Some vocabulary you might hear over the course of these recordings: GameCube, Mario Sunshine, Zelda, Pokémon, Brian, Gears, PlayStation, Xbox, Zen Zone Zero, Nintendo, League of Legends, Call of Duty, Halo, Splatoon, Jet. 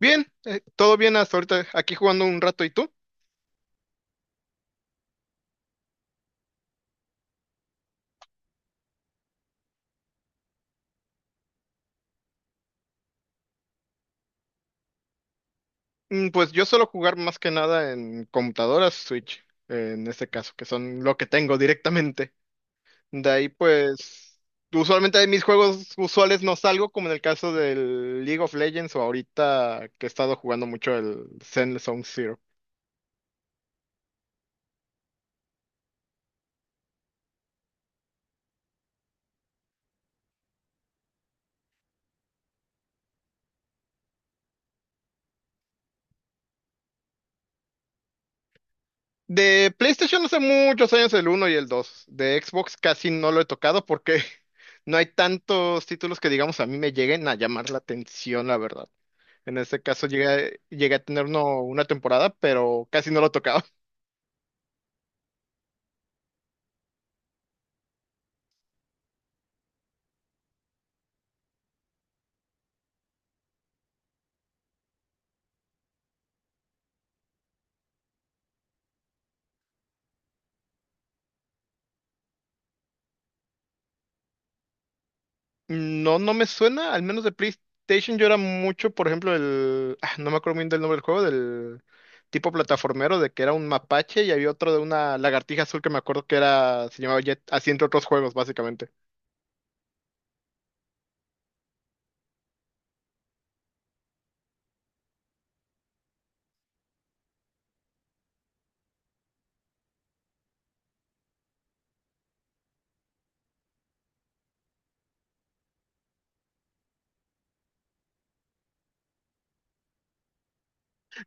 Bien, todo bien hasta ahorita, aquí jugando un rato, ¿y tú? Pues yo suelo jugar más que nada en computadoras Switch, en este caso, que son lo que tengo directamente. De ahí, pues, usualmente de mis juegos usuales no salgo, como en el caso del League of Legends o ahorita que he estado jugando mucho el Zen Zone Zero. De PlayStation hace muchos años el uno y el 2. De Xbox casi no lo he tocado porque no hay tantos títulos que digamos a mí me lleguen a llamar la atención, la verdad. En este caso llegué a tener uno, una temporada, pero casi no lo tocaba. No, no me suena, al menos de PlayStation yo era mucho, por ejemplo, el... ah, no me acuerdo bien del nombre del juego, del tipo plataformero, de que era un mapache y había otro de una lagartija azul que me acuerdo que era, se llamaba Jet, así entre otros juegos, básicamente.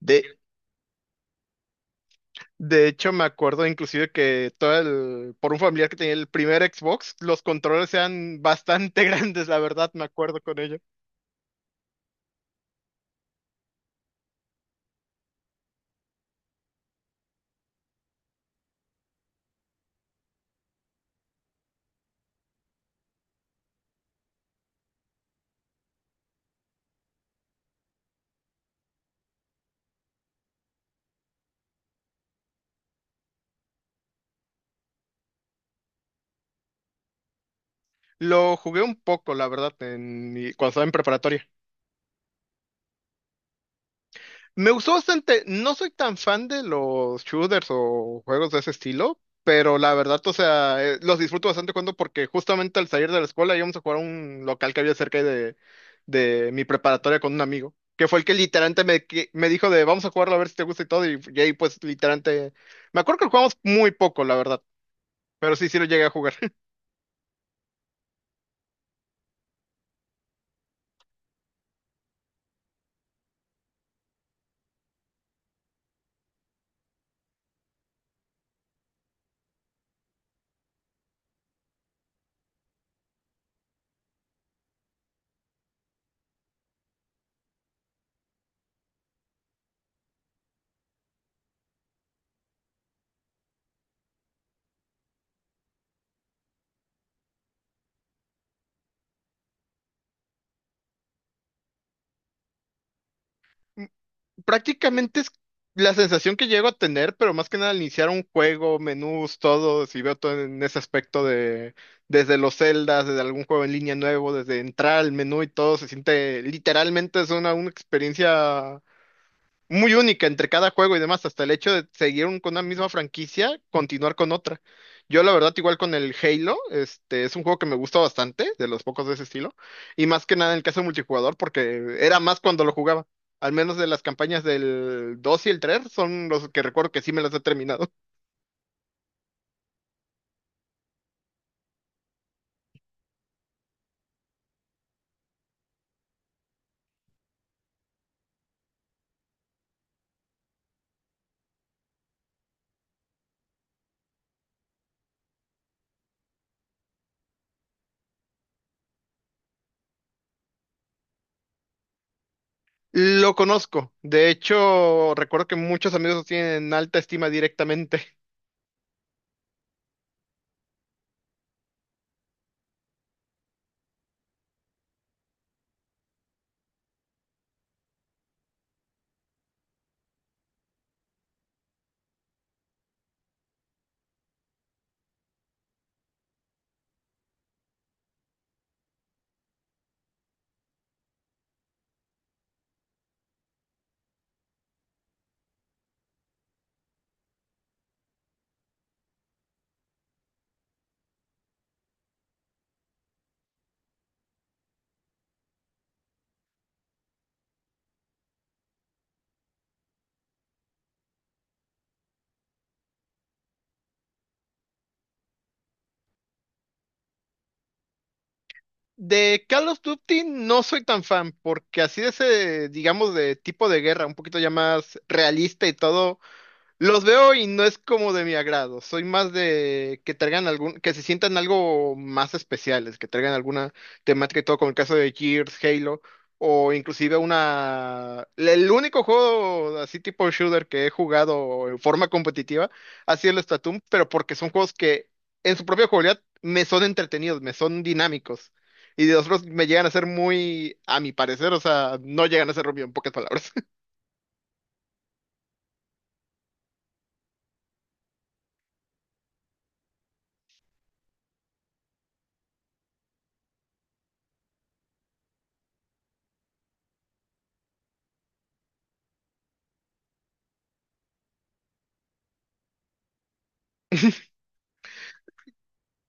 De, de hecho, me acuerdo inclusive que todo el... Por un familiar que tenía el primer Xbox, los controles eran bastante grandes, la verdad, me acuerdo con ello. Lo jugué un poco, la verdad, en cuando estaba en preparatoria. Me gustó bastante. No soy tan fan de los shooters o juegos de ese estilo, pero la verdad, o sea, los disfruto bastante jugando porque justamente al salir de la escuela íbamos a jugar a un local que había cerca de mi preparatoria con un amigo, que fue el que literalmente me dijo de vamos a jugarlo a ver si te gusta y todo, y ahí pues literalmente... Me acuerdo que lo jugamos muy poco, la verdad, pero sí, sí lo llegué a jugar. Prácticamente es la sensación que llego a tener, pero más que nada al iniciar un juego, menús, todo, si veo todo en ese aspecto de desde los celdas, desde algún juego en línea nuevo, desde entrar al menú y todo, se siente literalmente es una experiencia muy única entre cada juego y demás, hasta el hecho de seguir con una misma franquicia, continuar con otra. Yo la verdad igual con el Halo, este es un juego que me gusta bastante, de los pocos de ese estilo, y más que nada en el caso de multijugador, porque era más cuando lo jugaba. Al menos de las campañas del 2 y el 3 son los que recuerdo que sí me las he terminado. Lo conozco. De hecho, recuerdo que muchos amigos lo tienen en alta estima directamente. De Call of Duty no soy tan fan, porque así de ese, digamos, de tipo de guerra, un poquito ya más realista y todo. Los veo y no es como de mi agrado. Soy más de que traigan algún, que se sientan algo más especiales, que traigan alguna temática y todo, como el caso de Gears, Halo, o inclusive una. El único juego así tipo shooter que he jugado en forma competitiva ha sido el Splatoon, pero porque son juegos que en su propia jugabilidad me son entretenidos, me son dinámicos. Y de otros me llegan a ser muy, a mi parecer, o sea, no llegan a ser bien, en pocas palabras.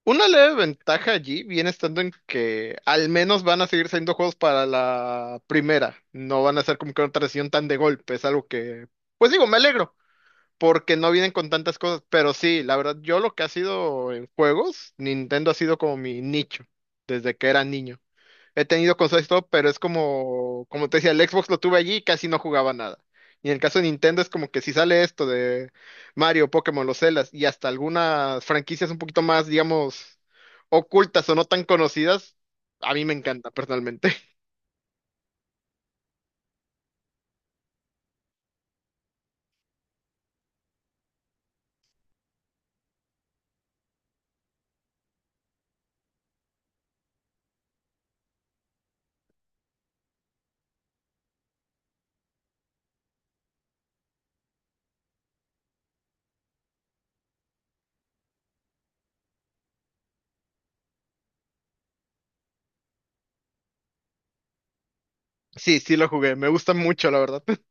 Una leve ventaja allí viene estando en que al menos van a seguir siendo juegos para la primera. No van a ser como que una transición tan de golpe. Es algo que, pues digo, me alegro porque no vienen con tantas cosas. Pero sí, la verdad, yo lo que ha sido en juegos, Nintendo ha sido como mi nicho desde que era niño. He tenido consolas y todo, pero es como, como te decía, el Xbox lo tuve allí y casi no jugaba nada. Y en el caso de Nintendo es como que si sale esto de Mario, Pokémon, los Zeldas y hasta algunas franquicias un poquito más, digamos, ocultas o no tan conocidas, a mí me encanta personalmente. Sí, sí lo jugué, me gusta mucho, la verdad.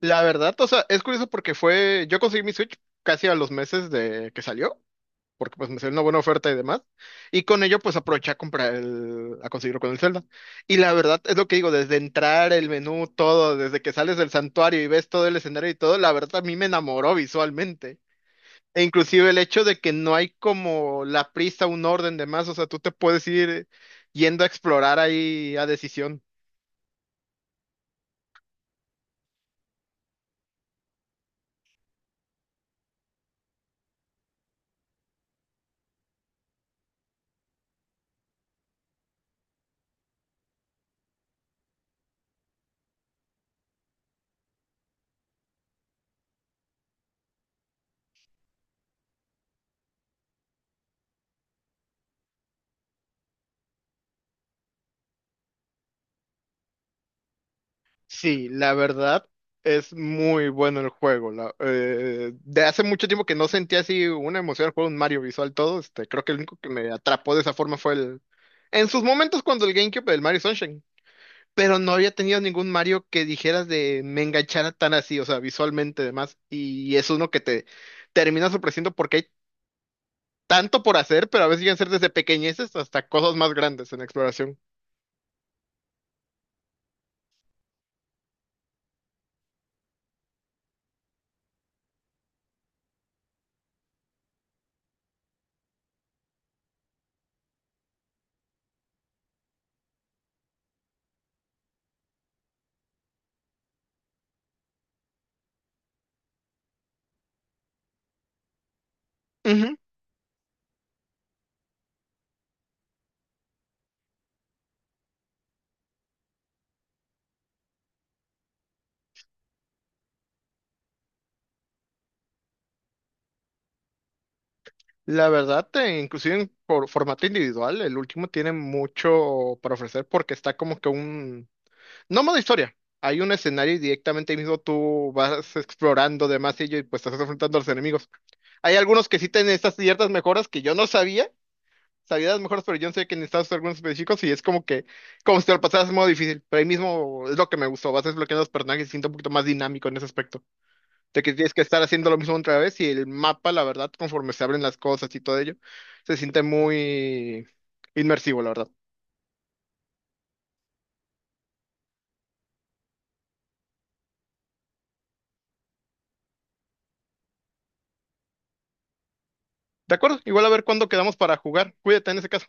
La verdad, o sea, es curioso porque fue, yo conseguí mi Switch casi a los meses de que salió. Porque pues me salió una buena oferta y demás. Y con ello pues aproveché a comprar el, a conseguirlo con el Zelda. Y la verdad es lo que digo, desde entrar el menú, todo, desde que sales del santuario y ves todo el escenario y todo, la verdad a mí me enamoró visualmente. E inclusive el hecho de que no hay como la prisa, un orden de más, o sea, tú te puedes ir yendo a explorar ahí a decisión. Sí, la verdad es muy bueno el juego. De hace mucho tiempo que no sentía así una emoción al juego, un Mario visual todo. Este, creo que el único que me atrapó de esa forma fue el... En sus momentos cuando el GameCube, el Mario Sunshine. Pero no había tenido ningún Mario que dijeras de me enganchara tan así, o sea, visualmente además. Y es uno que te termina sorprendiendo porque hay tanto por hacer, pero a veces llegan a ser desde pequeñeces hasta cosas más grandes en exploración. La verdad, inclusive en por formato individual, el último tiene mucho para ofrecer porque está como que un... No modo historia. Hay un escenario y directamente ahí mismo tú vas explorando demás y pues te estás enfrentando a los enemigos. Hay algunos que sí tienen estas ciertas mejoras que yo no sabía. Sabía las mejoras, pero yo no sé que necesitas algunos específicos y es como que, como si te lo pasaras en modo difícil. Pero ahí mismo es lo que me gustó. Vas desbloqueando los personajes y siento un poquito más dinámico en ese aspecto de que tienes que estar haciendo lo mismo otra vez y el mapa, la verdad, conforme se abren las cosas y todo ello, se siente muy inmersivo, la verdad. De acuerdo, igual a ver cuándo quedamos para jugar. Cuídate en ese caso.